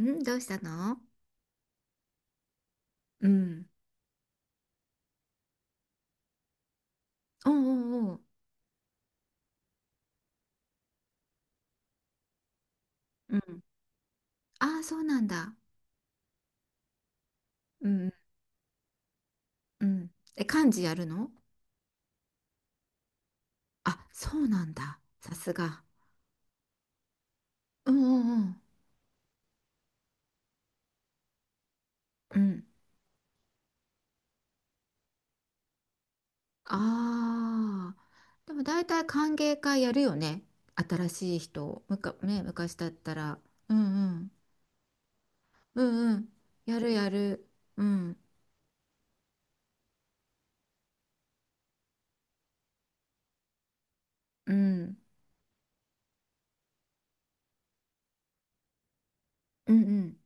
んどうしたの？うん。おうおうおう。うん。ああ、そうなんだ。うん。うん。え、漢字やるの？あ、そうなんだ。さすが。うんうんうん。うん。ああ。でも大体歓迎会やるよね。新しい人。ね、昔だったら。うんうん。うんうん。やるやる。うん。うん。うんうん。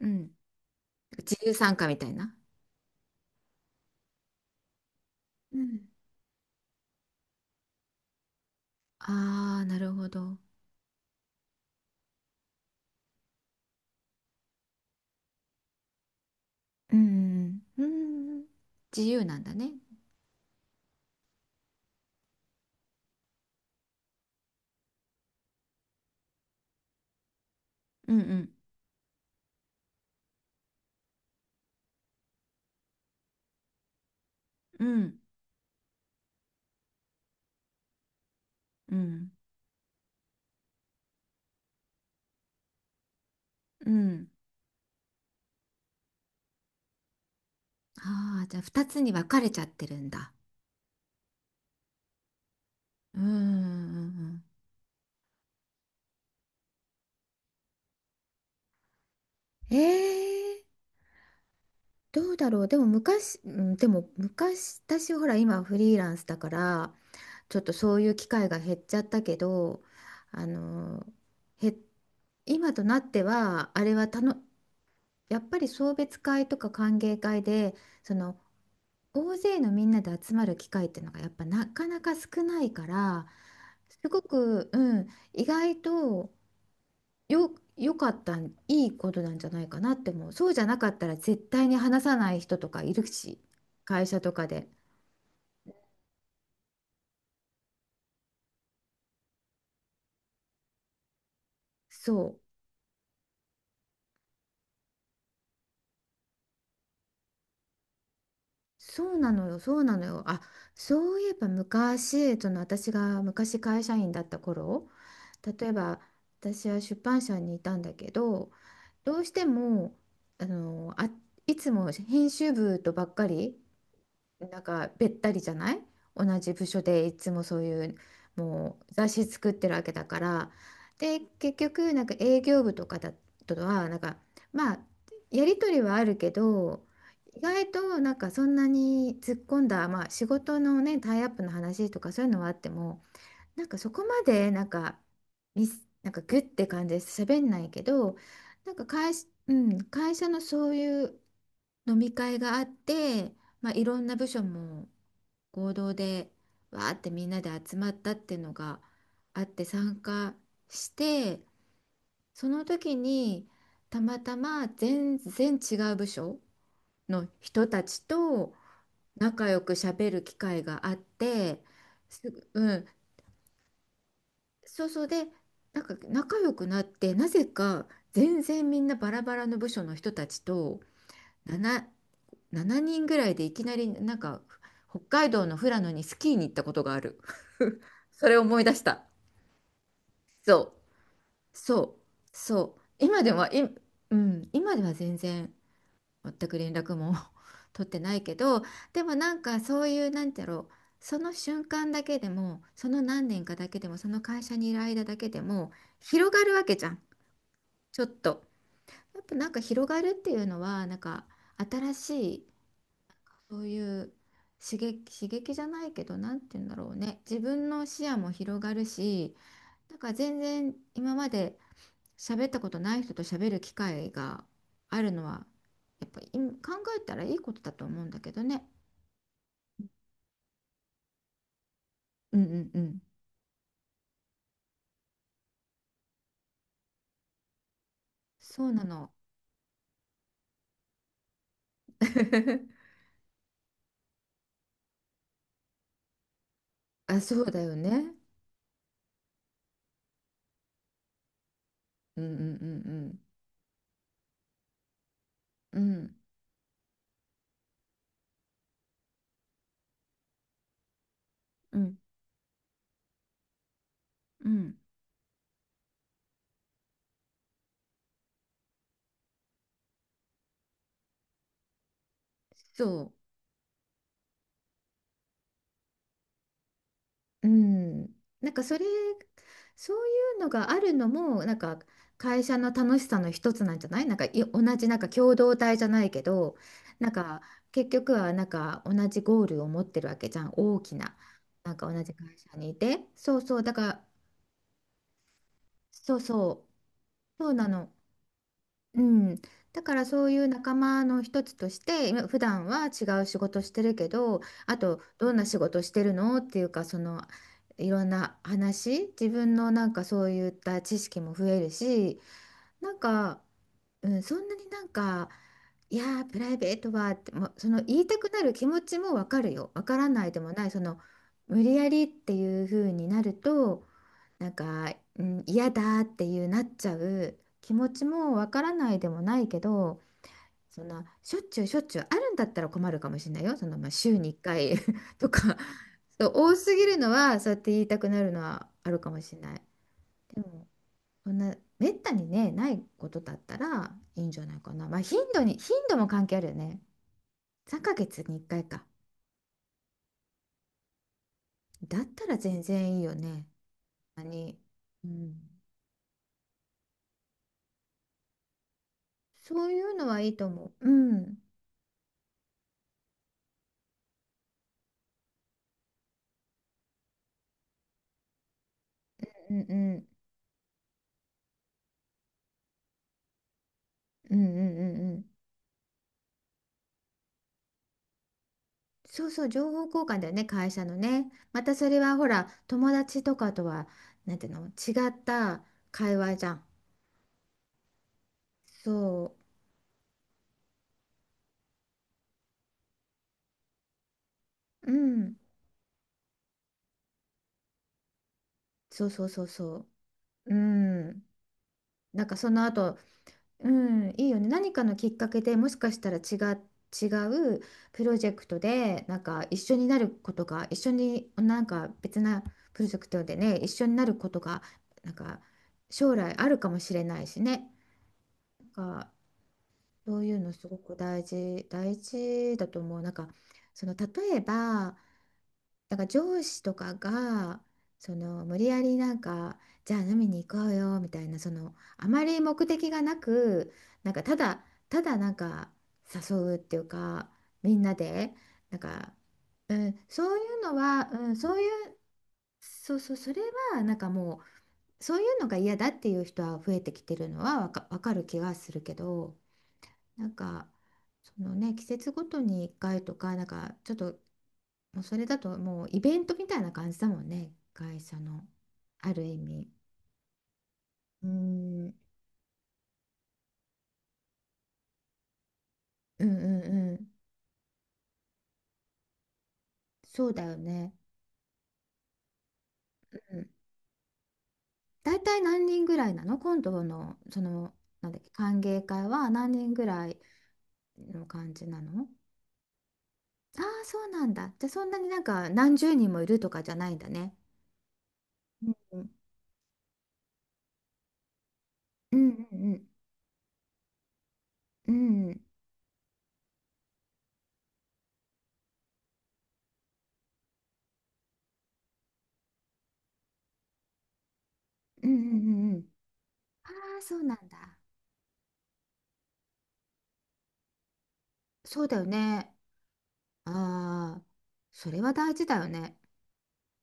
うん。自由参加みたいな。うん。ああ、なるほど。うん、うん、自由なんだね。うん、うん、うん、うん、ああー、じゃあ2つに分かれちゃってるんだ。うん。えー、どうだろう。でも昔、うんでも昔、私ほら今フリーランスだから、ちょっとそういう機会が減っちゃったけど、あの、へ、今となっては、あれはたの、やっぱり送別会とか歓迎会で、その大勢のみんなで集まる機会っていうのがやっぱなかなか少ないから、すごく、うん、意外とよ、良かったんいいことなんじゃないかなって思う。そうじゃなかったら絶対に話さない人とかいるし、会社とかで。そうそうなのよ、そうなのよ。あ、そういえば昔、その私が昔会社員だった頃、例えば私は出版社にいたんだけど、どうしてもあのあいつも編集部とばっかりなんかべったりじゃない、同じ部署でいつもそういう、もう雑誌作ってるわけだから。で結局なんか営業部とかだとはなんか、まあやり取りはあるけど、意外となんかそんなに突っ込んだ、まあ、仕事のね、タイアップの話とかそういうのはあっても、なんかそこまでなんかミスなんかグッて感じで喋んないけど、なんか会社、うん、会社のそういう飲み会があって、まあ、いろんな部署も合同でわーってみんなで集まったっていうのがあって、参加して、その時にたまたま全然違う部署の人たちと仲良く喋る機会があって、す、うん、そうそうで、なんか仲良くなって、なぜか全然みんなバラバラの部署の人たちと7、7人ぐらいでいきなりなんか北海道の富良野にスキーに行ったことがある。 それを思い出した。そうそうそう。今ではい、うん、今では全然全く連絡も 取ってないけど、でもなんかそういうなんてやろう、その瞬間だけでも、その何年かだけでも、その会社にいる間だけでも広がるわけじゃん、ちょっと。やっぱなんか広がるっていうのは、なんか新しい、そういう刺激じゃないけど、なんて言うんだろうね。自分の視野も広がるし、なんか全然今まで喋ったことない人と喋る機会があるのは、やっぱり考えたらいいことだと思うんだけどね。うんうんうん。そうなの。あ、そうだよね。うんうんうんうん。うんうんうん。そう。うん、なんかそれ、そういうのがあるのも、なんか会社の楽しさの一つなんじゃない、なんかい同じなんか共同体じゃないけど、なんか結局はなんか同じゴールを持ってるわけじゃん、大きな。なんか同じ会社にいて。そうそう、だから、そうそう、そうなの。うん、だからそういう仲間の一つとして、今普段は違う仕事してるけど、あとどんな仕事してるのっていうか、そのいろんな話、自分のなんかそういった知識も増えるし、なんか、うん、そんなになんか、いやープライベートはって、もうその言いたくなる気持ちもわかるよ、わからないでもない、その無理やりっていう風になると、なんか、うん、嫌だっていうなっちゃう気持ちもわからないでもないけど、そんなしょっちゅうしょっちゅうあるんだったら困るかもしれないよ。そのまあ週に1回 とか、そう、多すぎるのはそうやって言いたくなるのはあるかもしれない。でもそんなめったにね、ないことだったらいいんじゃないかな。まあ頻度も関係あるよね。3ヶ月に1回かいか。だったら全然いいよね。何、うん、そういうのはいいと思う。うん。うんうんうんうんうんうん。そうそう、情報交換だよね、会社のね。またそれはほら、友達とかとは、なんていうの、違った会話じゃん。そう、うん、そうそうそうそう、うん。なんかその後、うん、いいよね。何かのきっかけでもしかしたら違うプロジェクトで、なんか一緒になることが、一緒になんか別なプロジェクトでね、一緒になることが、なんか将来あるかもしれないしね。なんかそういうのすごく大事、大事だと思う。なんか、その例えば、なんか上司とかが、その無理やりなんか、じゃあ飲みに行こうよみたいな、そのあまり目的がなく、なんかただ、ただなんか誘うっていうか、みんなで、なんか、うん、そういうのは、うん、そういう、そうそう、それはなんかもう、そういうのが嫌だっていう人は増えてきてるのはわかる気がするけど。なんかそのね、季節ごとに1回とかなんかちょっと、もうそれだともうイベントみたいな感じだもんね、会社の。ある意味うーん、うんうんうん、そうだよね、うん、大体何人ぐらいなの、今度のそのなんだっけ、歓迎会は何人ぐらいの感じなの？ああー、そうなんだ。じゃあそんなになんか何十人もいるとかじゃないんだね。うん、うんうんうんうんうんうんうんうんうん、ああ、そうなんだ。そうだよね。ああ、それは大事だよね。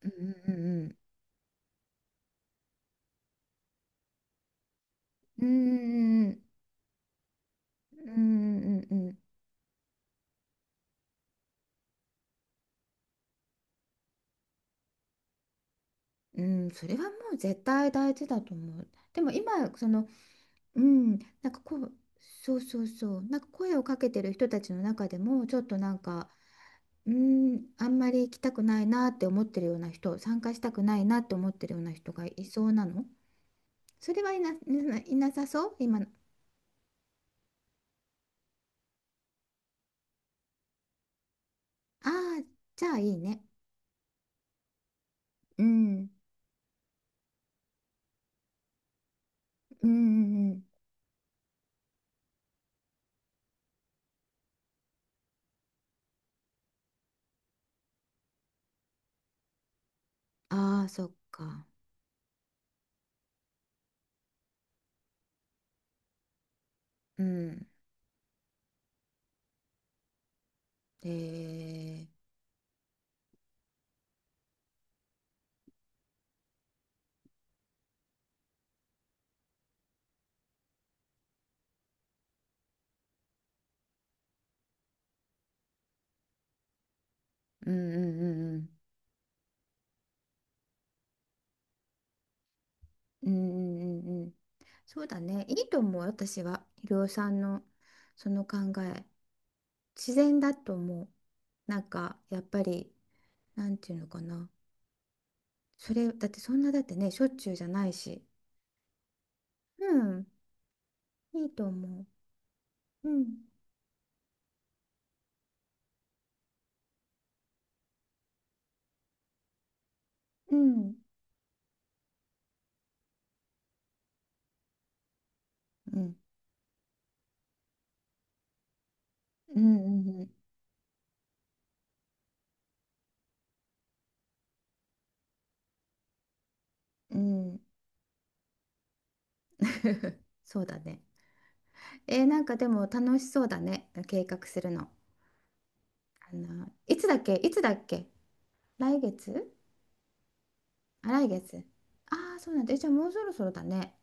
うんうんうんうんうんうんうんうんうんうんうん、それはもう絶対大事だと思う。でも今その、うん、なんかこう、そうそうそう、なんか声をかけてる人たちの中でもちょっとなんか、うん、あんまり行きたくないなって思ってるような人、参加したくないなって思ってるような人がいそうなの？それはいなさそう今の？ああー、じゃあいいね。うんうんうんうん、ああ、そっか。うん。えー、うんうんうんうんうんうんうんうん、そうだね、いいと思う。私はひろさんのその考え、自然だと思う。なんかやっぱり、なんていうのかな、それだって、そんなだってね、しょっちゅうじゃないし、うん、いいと思う。うんうんうんうんうんうんうん。 そうだね。えー、なんかでも楽しそうだね、計画するの。いつだっけ、来月？あ、来月。ああ、そうなんだ。え、じゃあもうそろそろだね。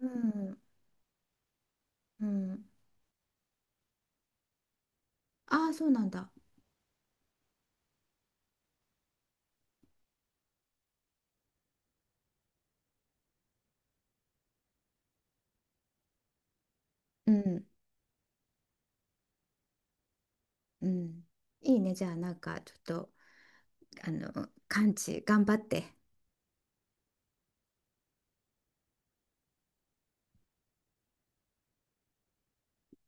うん、うん。ああ、そうなんだ。うん、うん。いいね。じゃあ、なんか、ちょっと、あの、完治、頑張って。